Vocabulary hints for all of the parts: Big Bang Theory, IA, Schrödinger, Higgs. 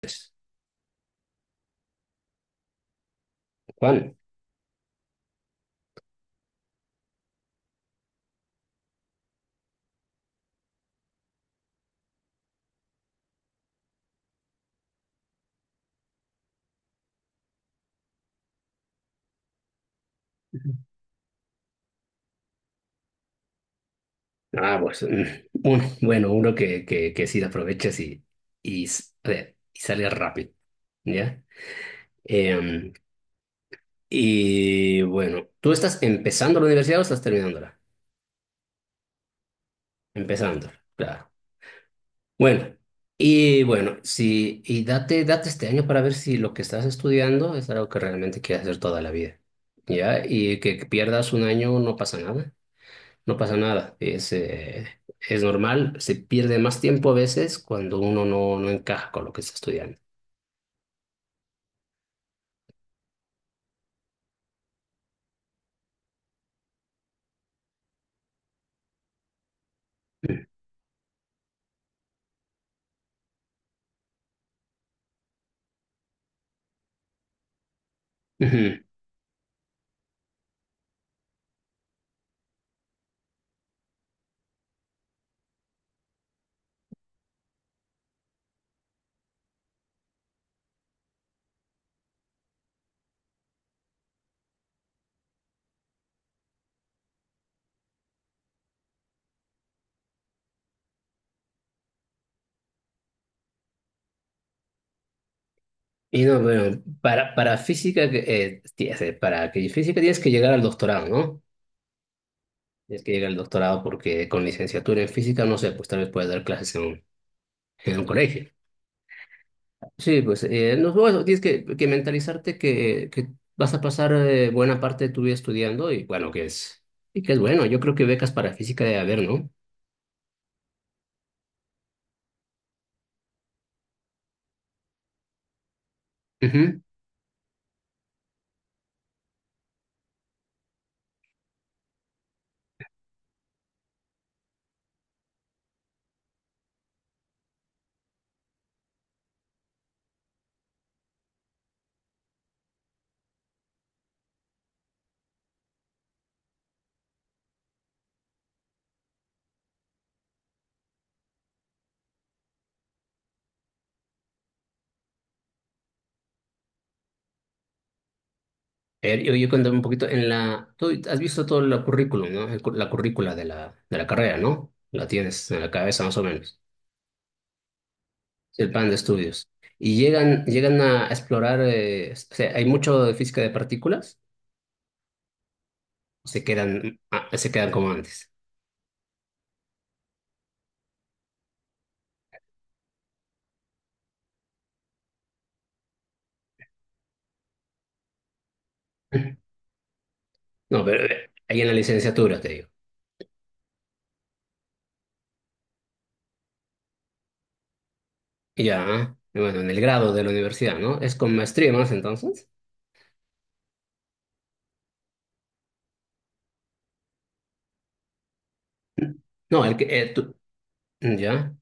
Pues, Juan, bueno, uno que sí lo aproveches y, a ver, y salga rápido, ¿ya? Em, y bueno, ¿tú estás empezando la universidad o estás terminándola? Empezándola, claro. Bueno, y bueno, sí, y date, date este año para ver si lo que estás estudiando es algo que realmente quieres hacer toda la vida, ¿ya? Y que pierdas un año no pasa nada. No pasa nada, es normal, se pierde más tiempo a veces cuando uno no, no encaja con lo que está estudiando. Ujú. Y no, bueno, para física, para que física tienes que llegar al doctorado, ¿no? Tienes que llegar al doctorado porque con licenciatura en física, no sé, pues tal vez puedes dar clases en un colegio. Sí, pues no, bueno, tienes que mentalizarte que vas a pasar buena parte de tu vida estudiando y bueno, y que es bueno. Yo creo que becas para física debe haber, ¿no? Ujú. A ver, yo cuéntame un poquito, tú has visto todo el currículum, ¿no? La currícula de la carrera, ¿no? La tienes en la cabeza más o menos, el plan de estudios. Y llegan a explorar, o sea, ¿hay mucho de física de partículas? ¿O se quedan, se quedan como antes? No, pero ahí en la licenciatura, te digo. Y ya, ¿ah? Y bueno, en el grado de la universidad, ¿no? ¿Es con maestría más entonces? No, el que, ya,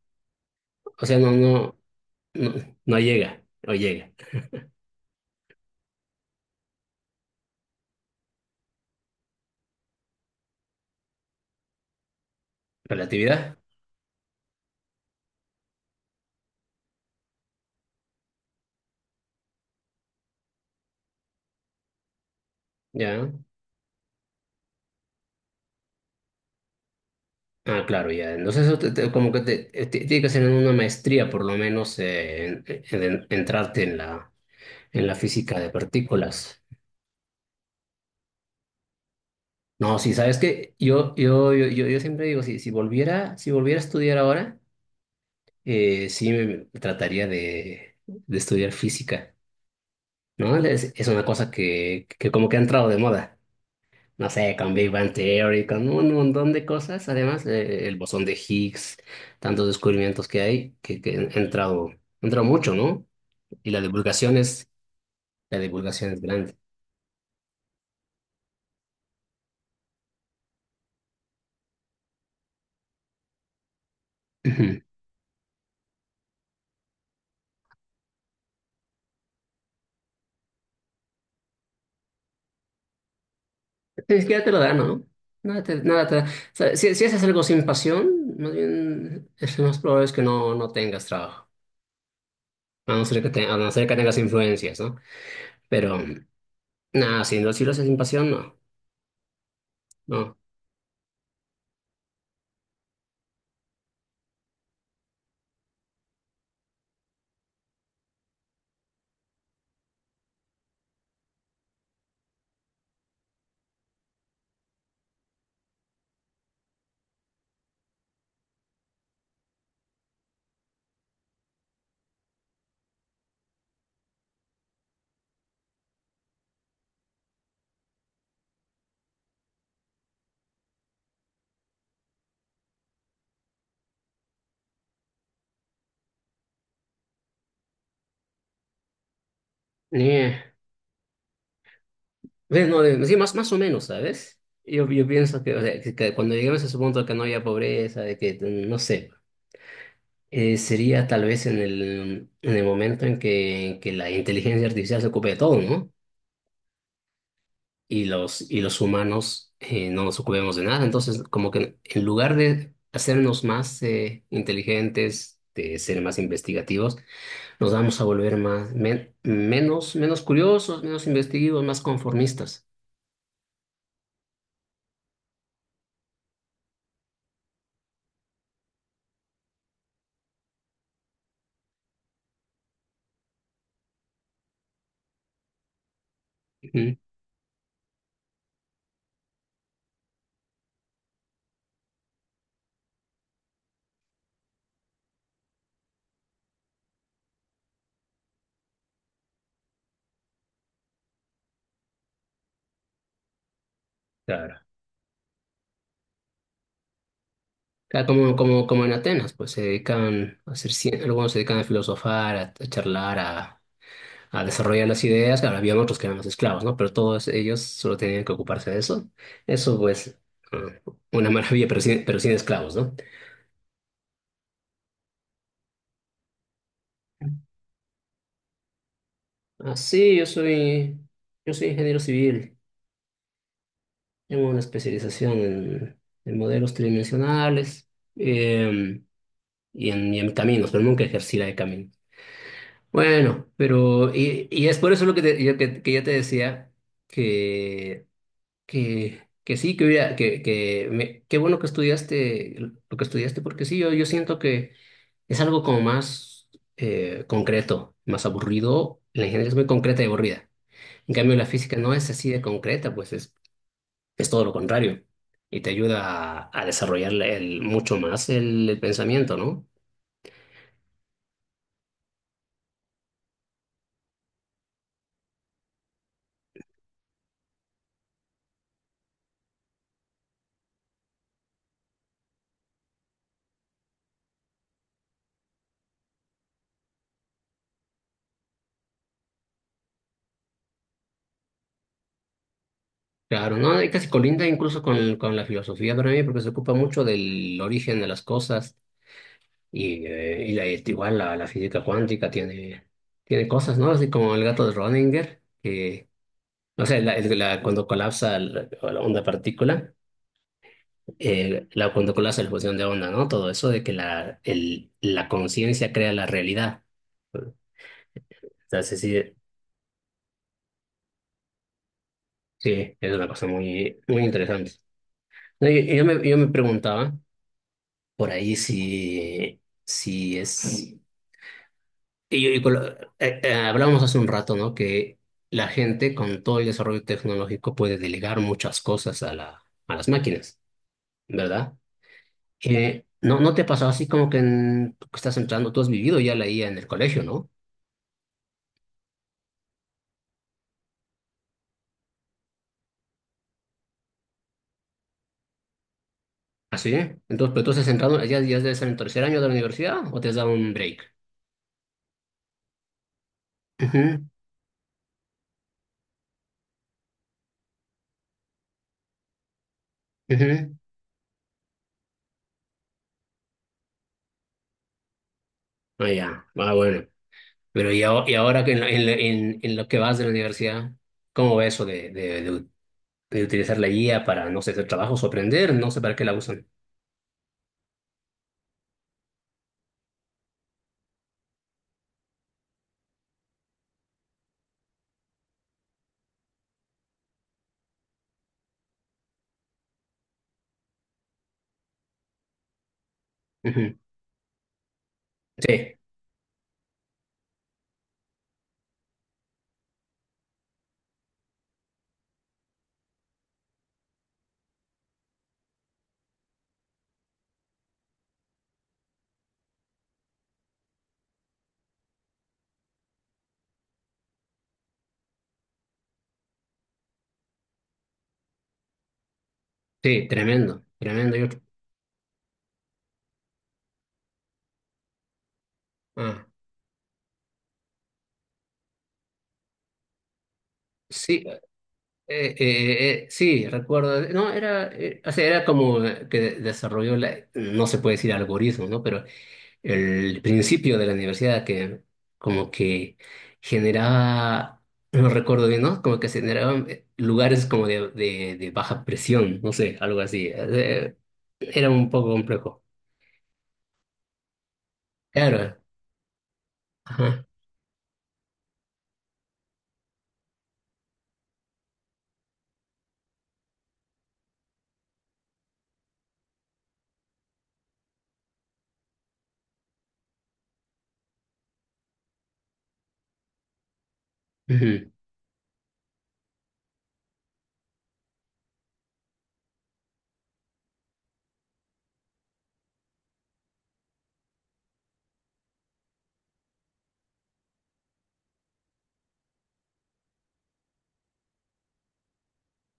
o sea, no, no, no, no llega, no llega. Relatividad, ya. Ah, claro, ya. Entonces, eso te- te- como que te- tiene que ser en una maestría, por lo menos, entrarte en la física de partículas. No, sí, sabes que yo siempre digo, si, si volviera, si volviera a estudiar ahora, sí me trataría de estudiar física, ¿no? Es una cosa que como que ha entrado de moda. No sé, con Big Bang Theory, con un montón de cosas, además, el bosón de Higgs, tantos descubrimientos que hay, que han entrado mucho, ¿no? Y la divulgación es grande. Ujú. Ni siquiera te lo da, ¿no? Nada te da. O sea, si, si haces algo sin pasión, más bien, es lo más probable es que no, no tengas trabajo. A no ser que, te- a no ser que tengas influencias, ¿no? Pero, nada, si, si lo haces sin pasión, no. No. Ni, Ve, no, sí, más, más o menos, ¿sabes? Yo pienso que, o sea, que cuando lleguemos a ese punto de que no haya pobreza, de que, no sé, sería tal vez en el momento en que la inteligencia artificial se ocupe de todo, ¿no? Y los humanos no nos ocupemos de nada. Entonces, como que en lugar de hacernos más inteligentes, de ser más investigativos, nos vamos a volver menos curiosos, menos investigativos, más conformistas. Ujú. Claro. Ah, como en Atenas, pues se dedican a hacer, cien- algunos se dedican a filosofar, a charlar, a desarrollar las ideas. Claro, había otros que eran los esclavos, ¿no? Pero todos ellos solo tenían que ocuparse de eso. Eso, pues, ah, una maravilla, pero sin esclavos, ¿no? Ah, sí, yo soy ingeniero civil. Tengo una especialización en modelos tridimensionales em, y en caminos, pero nunca ejercí la de caminos. Bueno, pero y es por eso lo que, que yo te decía que, que sí, que, hubiera- que me- qué bueno que estudiaste lo que estudiaste, porque sí, yo siento que es algo como más concreto, más aburrido. La ingeniería es muy concreta y aburrida. En cambio, la física no es así de concreta, pues es todo lo contrario. Y te ayuda a desarrollar mucho más el pensamiento, ¿no? Claro, no, y casi colinda incluso con la filosofía para mí, porque se ocupa mucho del origen de las cosas y, este, igual la física cuántica tiene cosas, ¿no? Así como el gato de Schrödinger, que, no sé, cuando colapsa la onda partícula, cuando colapsa la fusión de onda, ¿no? Todo eso de que la conciencia crea la realidad. Entonces, sí, sí, sí, es una cosa muy, muy interesante. No, yo me preguntaba. Por ahí sí, sí es... Y con hablábamos hace un rato, ¿no? Que la gente con todo el desarrollo tecnológico puede delegar muchas cosas a las máquinas, ¿verdad? ¿No, no te pasó así como que tú que estás entrando, tú has vivido ya la IA en el colegio, ¿no? Así, entonces, pero tú estás entrando, ya, ya debes estar en tercer año de la universidad o te has dado un break? Ujú, ujú. Ah, ya. Ah, bueno. Pero y, ahora que en lo que vas de la universidad, ¿cómo va eso de utilizar la guía para, no sé, hacer trabajos o aprender? No sé para qué la usan. Ujú. Sí, sí, tremendo, tremendo. Ah, sí, sí, recuerdo. No, era, o sea, era como que desarrolló, no se puede decir algoritmo, ¿no? Pero el principio de la universidad que como que generaba, no recuerdo bien, ¿no? Como que se generaban lugares como de baja presión, no sé, algo así. Era un poco complejo. Claro. Ajá. Ujú.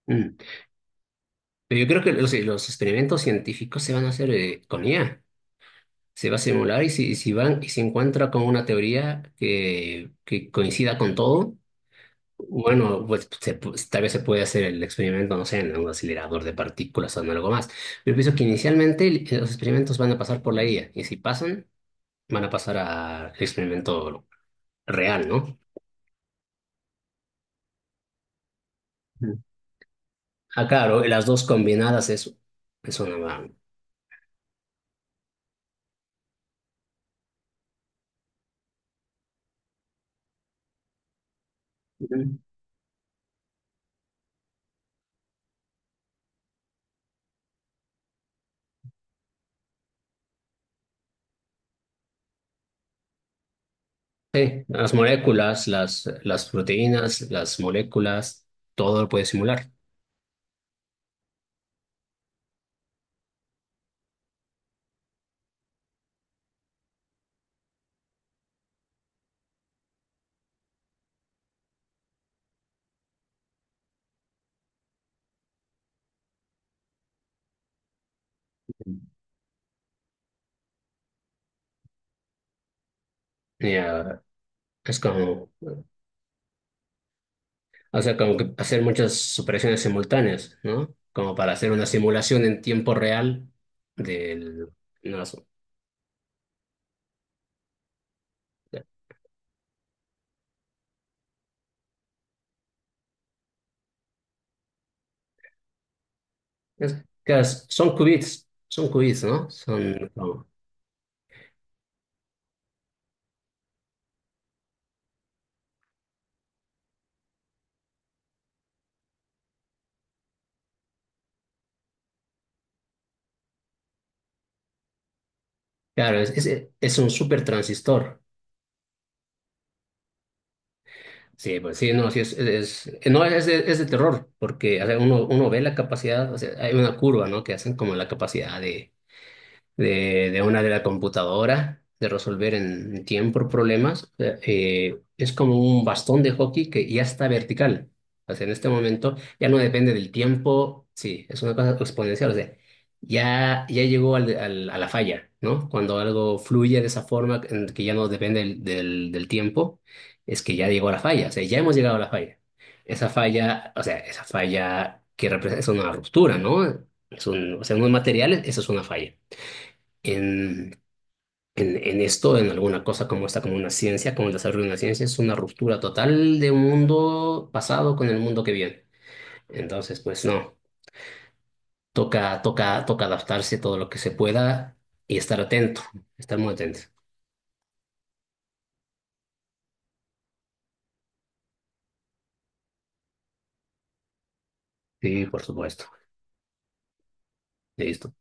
Mm. Pero yo creo que los experimentos científicos se van a hacer con IA. Se va a simular y si van y se encuentra con una teoría que coincida con todo, bueno, pues tal vez se puede hacer el experimento, no sé, en un acelerador de partículas o en algo más. Yo pienso que inicialmente los experimentos van a pasar por la IA y si pasan, van a pasar al experimento real, ¿no? Ujú. Ah, claro, las dos combinadas es una... Ujú. Sí, las moléculas, las proteínas, las moléculas, todo lo puede simular. Ya, es como... O sea, como que hacer muchas operaciones simultáneas, ¿no? Como para hacer una simulación en tiempo real del... No, claro, son qubits, ¿no? Son como... Claro, es un super transistor. Sí, pues sí, no, sí, no, es de terror, porque o sea, uno ve la capacidad, o sea, hay una curva, ¿no? Que hacen como la capacidad de de una de la computadora, de resolver en tiempo problemas. Es como un bastón de hockey que ya está vertical. O sea, en este momento ya no depende del tiempo, sí, es una cosa exponencial. O sea, ya, ya llegó al, a la falla, ¿no? Cuando algo fluye de esa forma, en que ya no depende del tiempo, es que ya llegó a la falla, o sea, ya hemos llegado a la falla. Esa falla, o sea, esa falla que representa es una ruptura, ¿no? O sea, unos materiales, eso es una falla en, en esto, en alguna cosa como esta, como una ciencia, como el desarrollo de una ciencia, es una ruptura total de un mundo pasado con el mundo que viene. Entonces, pues no, toca, toca, toca adaptarse todo lo que se pueda y estar atento, estar muy atento. Sí, por supuesto. Listo.